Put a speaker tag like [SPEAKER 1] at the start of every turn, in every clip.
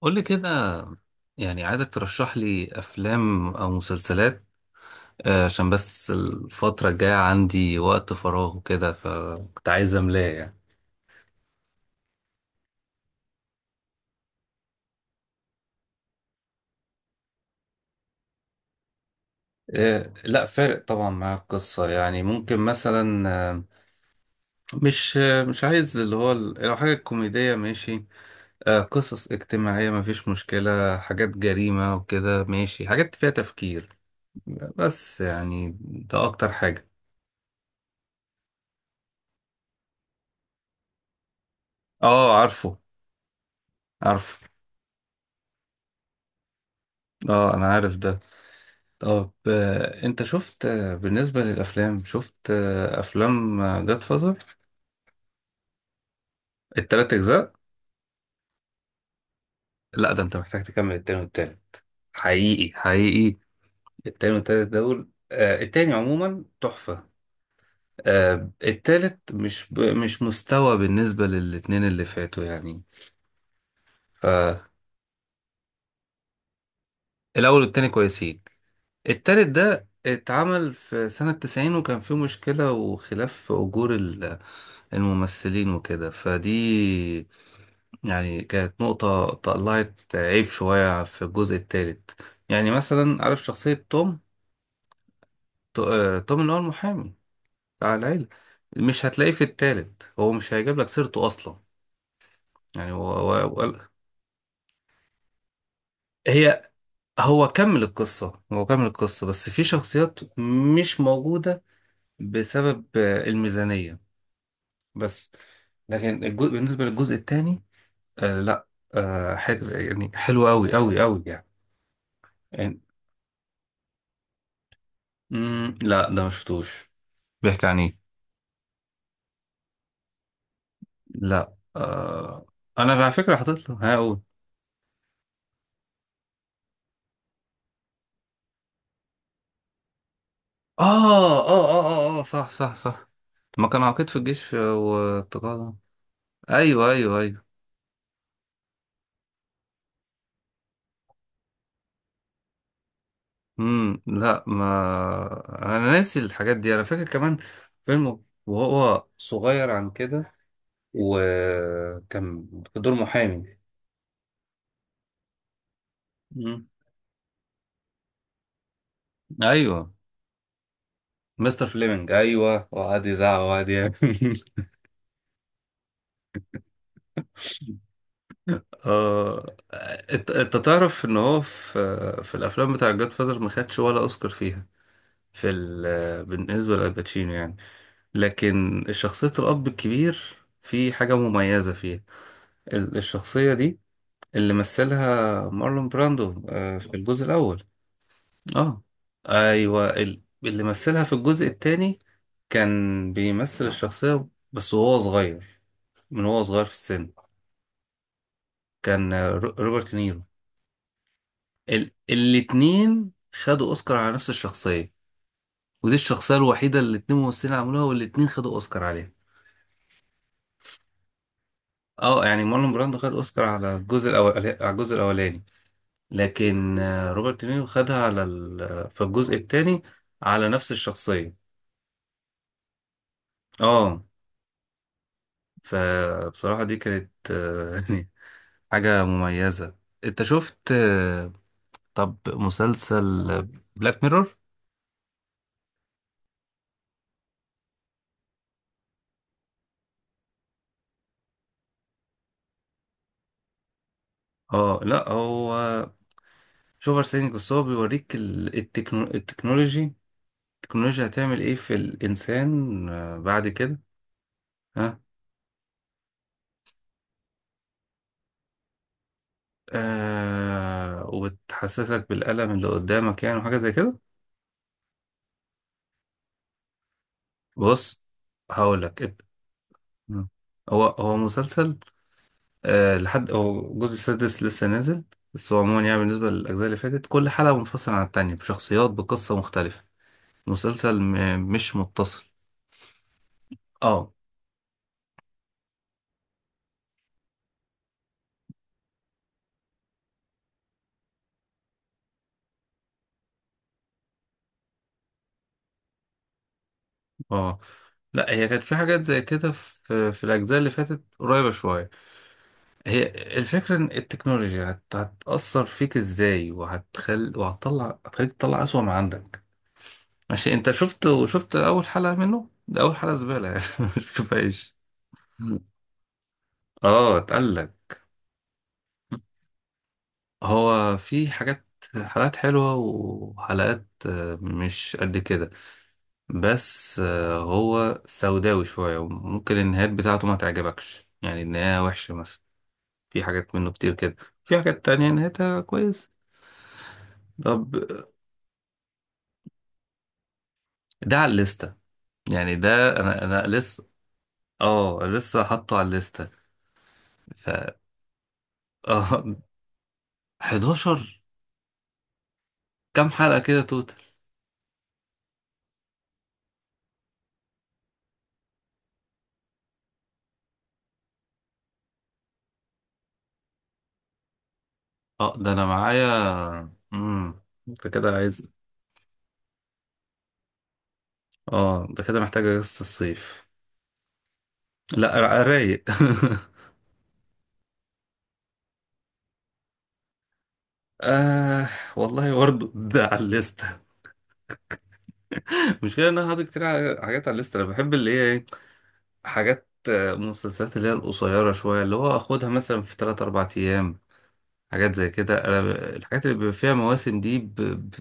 [SPEAKER 1] قول لي كده. يعني عايزك ترشح لي افلام او مسلسلات. عشان بس الفترة الجاية عندي وقت فراغ وكده، فكنت عايز املاه يعني. لا، فارق طبعا مع القصة، يعني ممكن مثلا مش عايز اللي هو لو حاجة كوميدية ماشي. قصص اجتماعية مفيش مشكلة، حاجات جريمة وكده ماشي، حاجات فيها تفكير، بس يعني ده اكتر حاجة. اه عارفه عارفه. اه انا عارف ده. طب انت شفت، بالنسبة للأفلام، شفت أفلام جاد فازر؟ التلات أجزاء؟ لا ده انت محتاج تكمل التاني والتالت، حقيقي حقيقي. التاني والتالت دول، التاني عموما تحفة، التالت مش مستوى بالنسبة للاتنين اللي فاتوا يعني. فالأول والتاني كويسين. التالت ده اتعمل في سنة 90، وكان فيه مشكلة وخلاف في أجور الممثلين وكده، فدي يعني كانت نقطة طلعت عيب شوية في الجزء التالت. يعني مثلا عارف شخصية توم؟ توم اللي هو المحامي بتاع العيلة، مش هتلاقيه في التالت، هو مش هيجيب لك سيرته أصلا. يعني هو هو- هو- هي هو كمل القصة، بس في شخصيات مش موجودة بسبب الميزانية بس. لكن الجزء، بالنسبة للجزء التاني، لا، حلو يعني، حلو قوي قوي قوي يعني. يعني لا ده ما شفتوش، بيحكي عن ايه؟ لا، انا على فكره حاطط له، هقول. آه, اه اه اه اه صح صح صح. ما كان عقيد في الجيش والتقاضى. ايوه ايوه ايوه. لا، ما انا ناسي الحاجات دي، انا فاكر كمان فيلم وهو صغير عن كده، وكان في دور محامي. امم، ايوه، مستر فليمنج ايوه، وقعد يزعق وقعد يعمل اه انت تعرف ان هو في الافلام بتاع جاد فازر ما خدش ولا اوسكار فيها، بالنسبه لالباتشينو يعني. لكن شخصيه الاب الكبير في حاجه مميزه فيها، الشخصيه دي اللي مثلها مارلون براندو في الجزء الاول. اه ايوه، اللي مثلها في الجزء الثاني كان بيمثل الشخصيه بس وهو صغير، من وهو صغير في السن، كان روبرت نيرو. الاتنين خدوا اوسكار على نفس الشخصيه، ودي الشخصيه الوحيده اللي الاتنين ممثلين عملوها والاتنين خدوا اوسكار عليها. اه يعني مارلون براندو خد اوسكار على الجزء الاول، على الجزء الاولاني. لكن روبرت نيرو خدها في الجزء الثاني على نفس الشخصيه. اه. فبصراحه دي كانت حاجه مميزه. انت شفت، طب مسلسل بلاك ميرور؟ اه لا، هو مش اوفر سينج، بس هو بيوريك التكنولوجي، التكنولوجيا هتعمل ايه في الانسان بعد كده. ها آه وتحسسك بالألم اللي قدامك يعني، وحاجة زي كده. بص، هقولك مم. هو مسلسل لحد هو الجزء السادس لسه نازل. بس هو عموما يعني بالنسبة للأجزاء اللي فاتت، كل حلقة منفصلة عن التانية بشخصيات، بقصة مختلفة. مسلسل مش متصل. اه اه لا، هي كانت في حاجات زي كده في الاجزاء اللي فاتت، قريبه شويه. هي الفكره ان التكنولوجيا هتاثر فيك ازاي، وهتطلع هتخليك تطلع اسوأ ما عندك. ماشي، انت شفت، اول حلقه منه، ده اول حلقه زباله يعني مش كفايش. اه، اتقال لك. هو في حاجات، حلقات حلوة وحلقات مش قد كده، بس هو سوداوي شوية، وممكن النهايات بتاعته ما تعجبكش، يعني النهاية وحشة مثلا، في حاجات منه كتير كده، في حاجات تانية نهايتها كويس. طب، ده على الليستة، يعني ده انا لسه. اه، لسه حاطه على الليستة. ف اه 11! كام حلقة كده توتال؟ اه، ده انا معايا. امم انت كده عايز. اه، ده كده محتاجة قصة الصيف. لا، رايق آه والله برضه ده على الليستة. مش كده، انا حاطط كتير حاجات على الليستة. انا بحب اللي هي إيه؟ حاجات مسلسلات، اللي هي القصيرة شوية، اللي هو أخدها مثلا في تلات أربع أيام، حاجات زي كده. أنا الحاجات اللي بيبقى فيها مواسم دي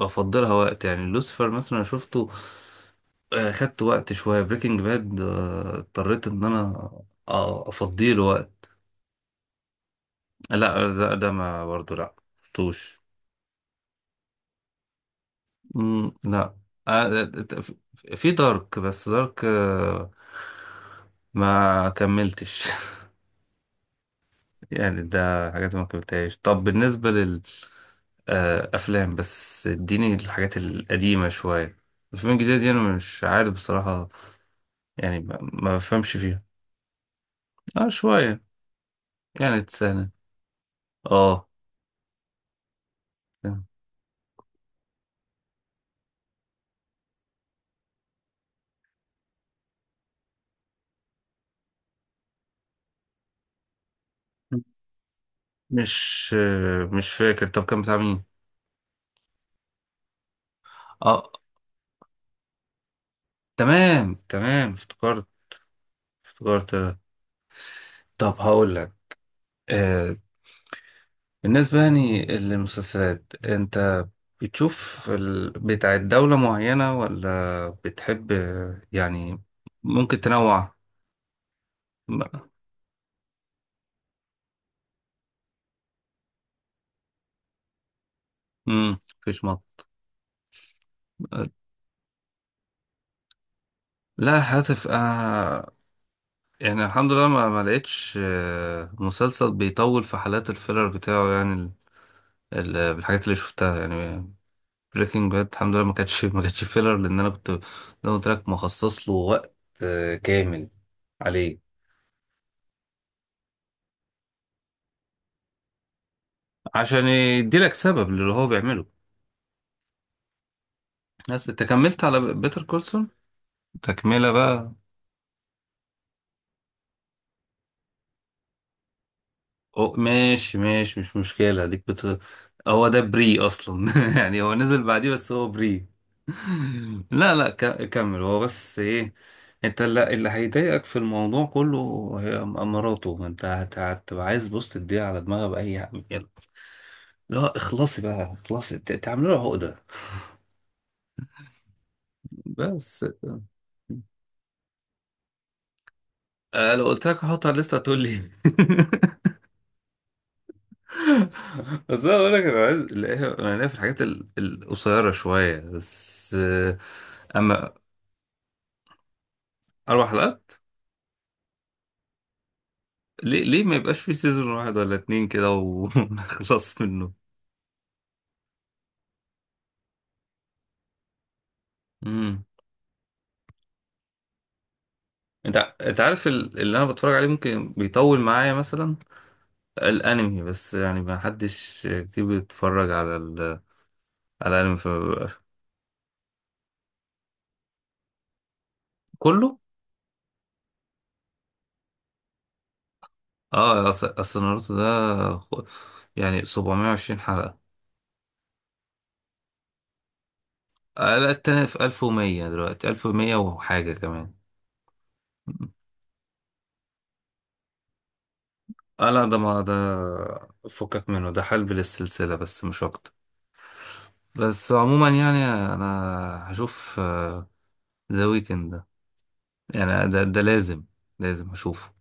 [SPEAKER 1] بفضلها وقت، يعني لوسيفر مثلا شفته، خدت وقت شوية. بريكنج باد اضطريت إن أنا أفضيله وقت. لا ده, ما برضه لا، مشفتوش. مم، لا. آه، في دارك، بس دارك ما كملتش يعني ده حاجات ما قابلتهاش. طب بالنسبة لل أفلام، بس اديني الحاجات القديمة شوية. الأفلام الجديدة دي أنا مش عارف بصراحة، يعني ما بفهمش فيها. اه شوية، يعني سنة. اه، مش فاكر، طب كان بتاع مين؟ اه، تمام تمام، افتكرت افتكرت. طب هقول لك، آه، بالنسبة يعني للمسلسلات، انت بتشوف بتاع دولة معينة، ولا بتحب يعني ممكن تنوع؟ امم، مفيش مط. لا، هاتف يعني الحمد لله ما لقيتش مسلسل بيطول في حالات الفيلر بتاعه يعني، بالحاجات اللي شفتها يعني. بريكنج باد الحمد لله ما كانتش ما كانتش فيلر، لان انا كنت زي ما قلت لك، مخصص له وقت كامل عليه، عشان يديلك سبب للي هو بيعمله. بس انت كملت على بيتر كولسون، تكملة بقى. أو ماشي ماشي، مش مشكلة. هو ده بري أصلا يعني هو نزل بعديه بس هو بري. لا لا، كمل. هو بس إيه، أنت اللي هيضايقك في الموضوع كله هي مراته. ما أنت هتبقى عايز، بص، تديها على دماغها بأي حاجة. لا اخلصي بقى، اخلصي، تعملوا له عقدة، بس. لو قلت لك هحطها على الليسته هتقول لي بس انا اقول لك، انا عايز الاقيها. انا ليا في الحاجات القصيره شويه بس. اما اربع حلقات؟ ليه ليه ما يبقاش في سيزون واحد ولا اتنين كده ونخلص منه؟ امم، انت انت عارف اللي انا بتفرج عليه ممكن بيطول معايا، مثلا الانمي. بس يعني ما حدش كتير بيتفرج على الانمي، كله. اه اصل ناروتو ده يعني 720 حلقه. لا، التاني في 1100 دلوقتي، 1100 وحاجه كمان. اه لا ده، ما ده فكك منه، ده حلب للسلسلة بس مش اكتر. بس عموما يعني انا هشوف ذا ويكند ده، يعني ده لازم، لازم هشوفه.